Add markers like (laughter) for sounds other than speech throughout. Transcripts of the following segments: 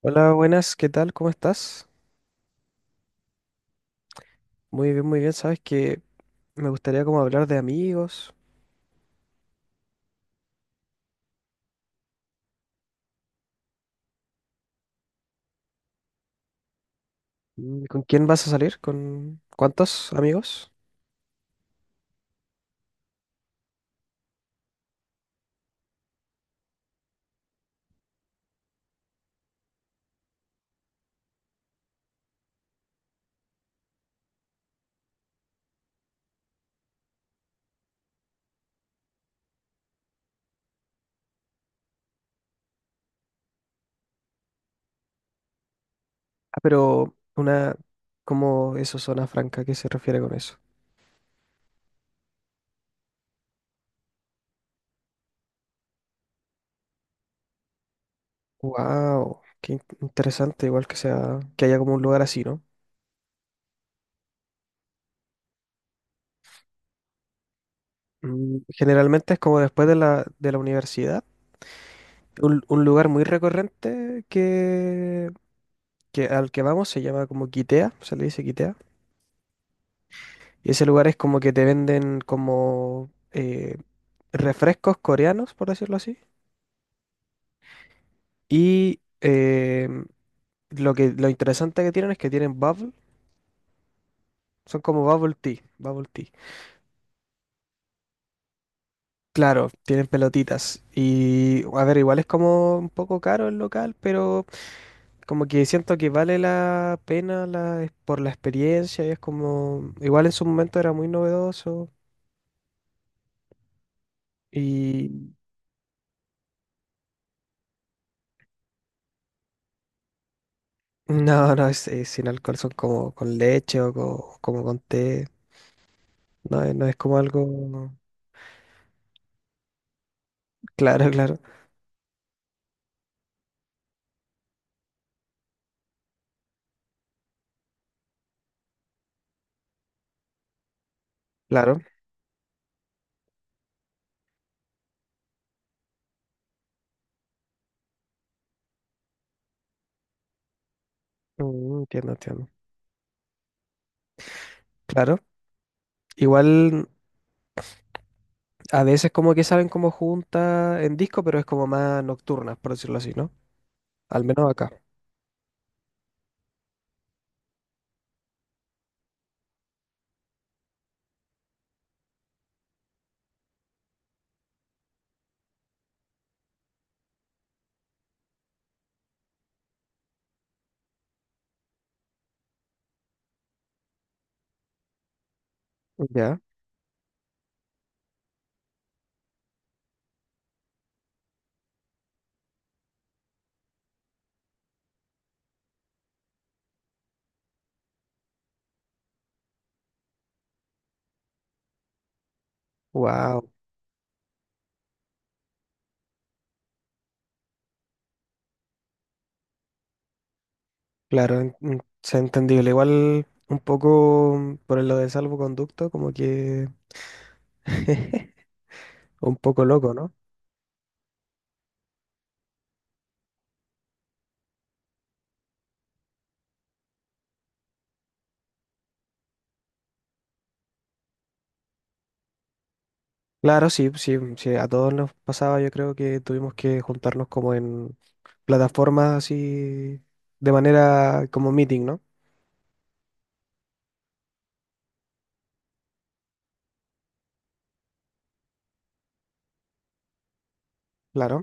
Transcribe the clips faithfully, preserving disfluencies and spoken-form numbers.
Hola, buenas, ¿qué tal? ¿Cómo estás? Muy bien, muy bien. Sabes que me gustaría como hablar de amigos. Mm, ¿Con quién vas a salir? ¿Con cuántos amigos? Ah, pero una, ¿cómo eso, zona franca, ¿qué se refiere con eso? Wow, qué in- interesante, igual que sea, que haya como un lugar así, ¿no? Mm, generalmente es como después de la, de la universidad. Un, un lugar muy recurrente que, que al que vamos se llama como Quitea, se le dice Quitea. Y ese lugar es como que te venden como eh, refrescos coreanos, por decirlo así. Y em, lo que, lo interesante que tienen es que tienen bubble, son como bubble tea, bubble tea. Claro, tienen pelotitas. Y a ver, igual es como un poco caro el local, pero como que siento que vale la pena la, ex- por la experiencia. Y es como, igual en su momento era muy novedoso. Y (laughs) no, no, es, es sin alcohol, son como con leche o co- como con té. No, es- no es como algo. Claro, claro, claro. Mm, entiendo, entiendo. Claro. Igual a veces como que salen como juntas en disco, pero es como más nocturnas, por decirlo así, ¿no? Al menos acá. Ya. Wow. Claro, en- en- es entendible. Igual un poco por lo de salvoconducto, como que (laughs) un poco loco, ¿no? Claro, sí, sí, sí, a todos nos pasaba, yo creo que tuvimos que juntarnos como en plataformas así de manera como meeting, ¿no? Claro,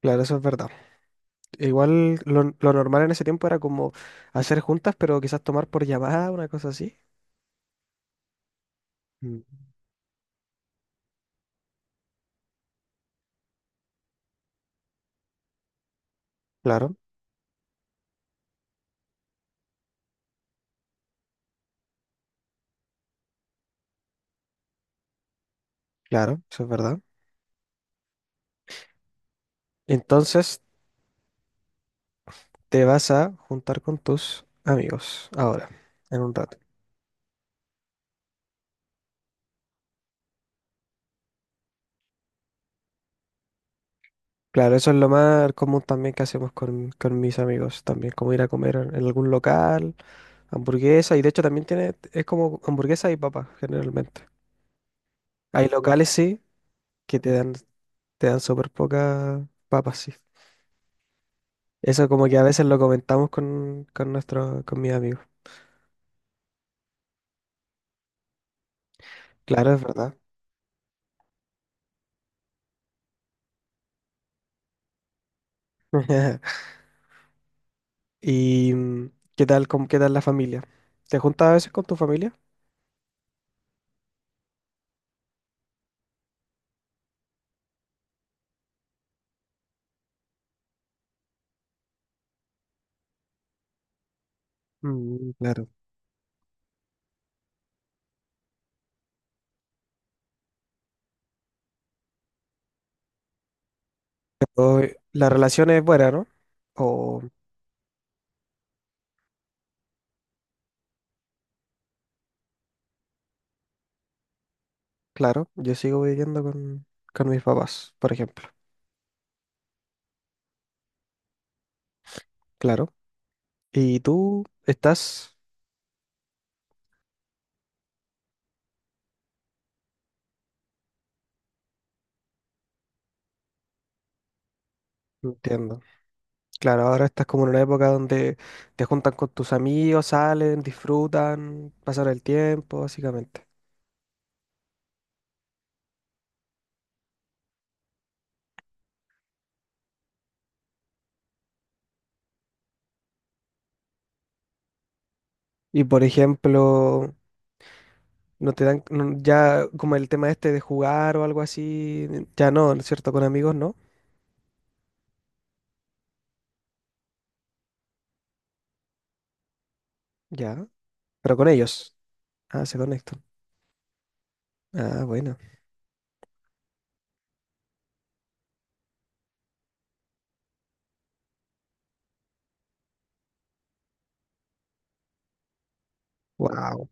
claro, eso es verdad. Igual lo, lo normal en ese tiempo era como hacer juntas, pero quizás tomar por llamada, una cosa así. Mm. Claro, claro, eso es verdad. Entonces te vas a juntar con tus amigos ahora, en un rato. Claro, eso es lo más común también que hacemos con, con mis amigos también, como ir a comer en, en algún local, hamburguesa, y de hecho también tiene, es como hamburguesa y papas generalmente. Hay locales sí que te dan, te dan súper pocas papas, sí. Eso como que a veces lo comentamos con, con nuestro con mis amigos. Claro, es verdad. (laughs) ¿Y mm, qué tal, con- qué tal la familia? ¿Te juntas a veces con tu familia? Mm, claro. O, la relación es buena, ¿no? O, claro, yo sigo viviendo con, con mis papás, por ejemplo. Claro. ¿Y tú estás? Entiendo. Claro, ahora estás como en una época donde te juntan con tus amigos, salen, disfrutan, pasan el tiempo, básicamente. Y por ejemplo, no te dan, no- ya como el tema este de jugar o algo así, ya no, ¿no es cierto? Con amigos no, ya, pero con ellos. Ah, se conectan. Ah, bueno. Wow.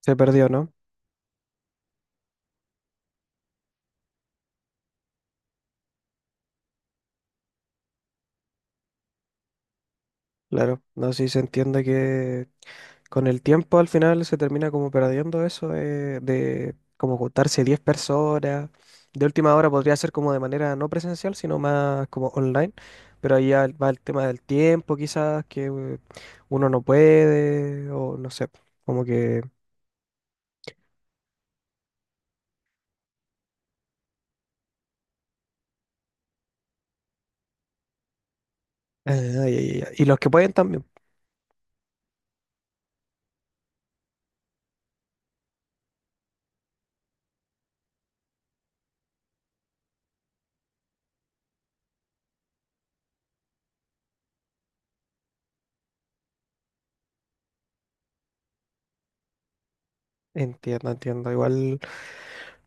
Se perdió, ¿no? Claro, no sé si se entiende que con el tiempo al final se termina como perdiendo eso de, de como juntarse diez personas. De última hora podría ser como de manera no presencial, sino más como online, pero ahí ya va el tema del tiempo quizás, que eh, uno no puede, o no sé, como que... Ah, ya, ya, ya. Y los que pueden también. Entiendo, entiendo. Igual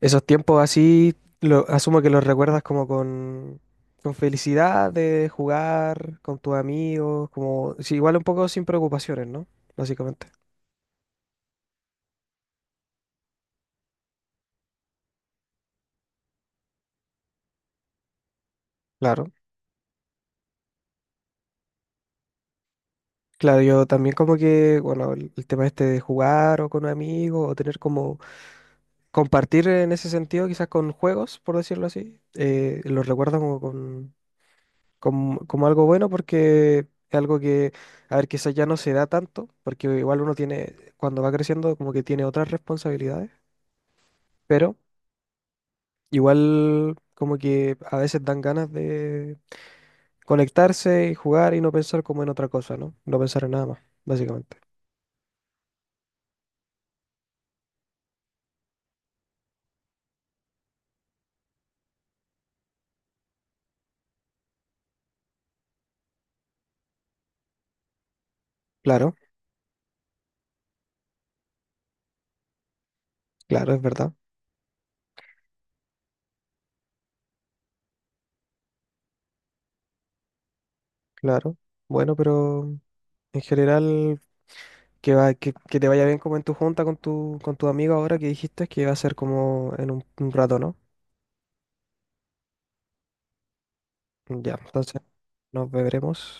esos tiempos así, lo, asumo que los recuerdas como con, con felicidad de jugar con tus amigos, como, sí, igual un poco sin preocupaciones, ¿no? Básicamente. Claro. Claro, yo también como que, bueno, el, el tema este de jugar o con amigos o tener como, compartir en ese sentido quizás con juegos, por decirlo así, eh, los recuerdo como con como, como algo bueno porque es algo que, a ver, quizás ya no se da tanto, porque igual uno tiene, cuando va creciendo, como que tiene otras responsabilidades, pero igual como que a veces dan ganas de conectarse y jugar y no pensar como en otra cosa, ¿no? No pensar en nada más, básicamente. Claro, claro, es verdad, claro. Bueno, pero en general... Que, va, que, que te vaya bien como en tu junta con tu, con tu amigo ahora que dijiste que va a ser como en un, un rato, ¿no? Ya, entonces nos veremos.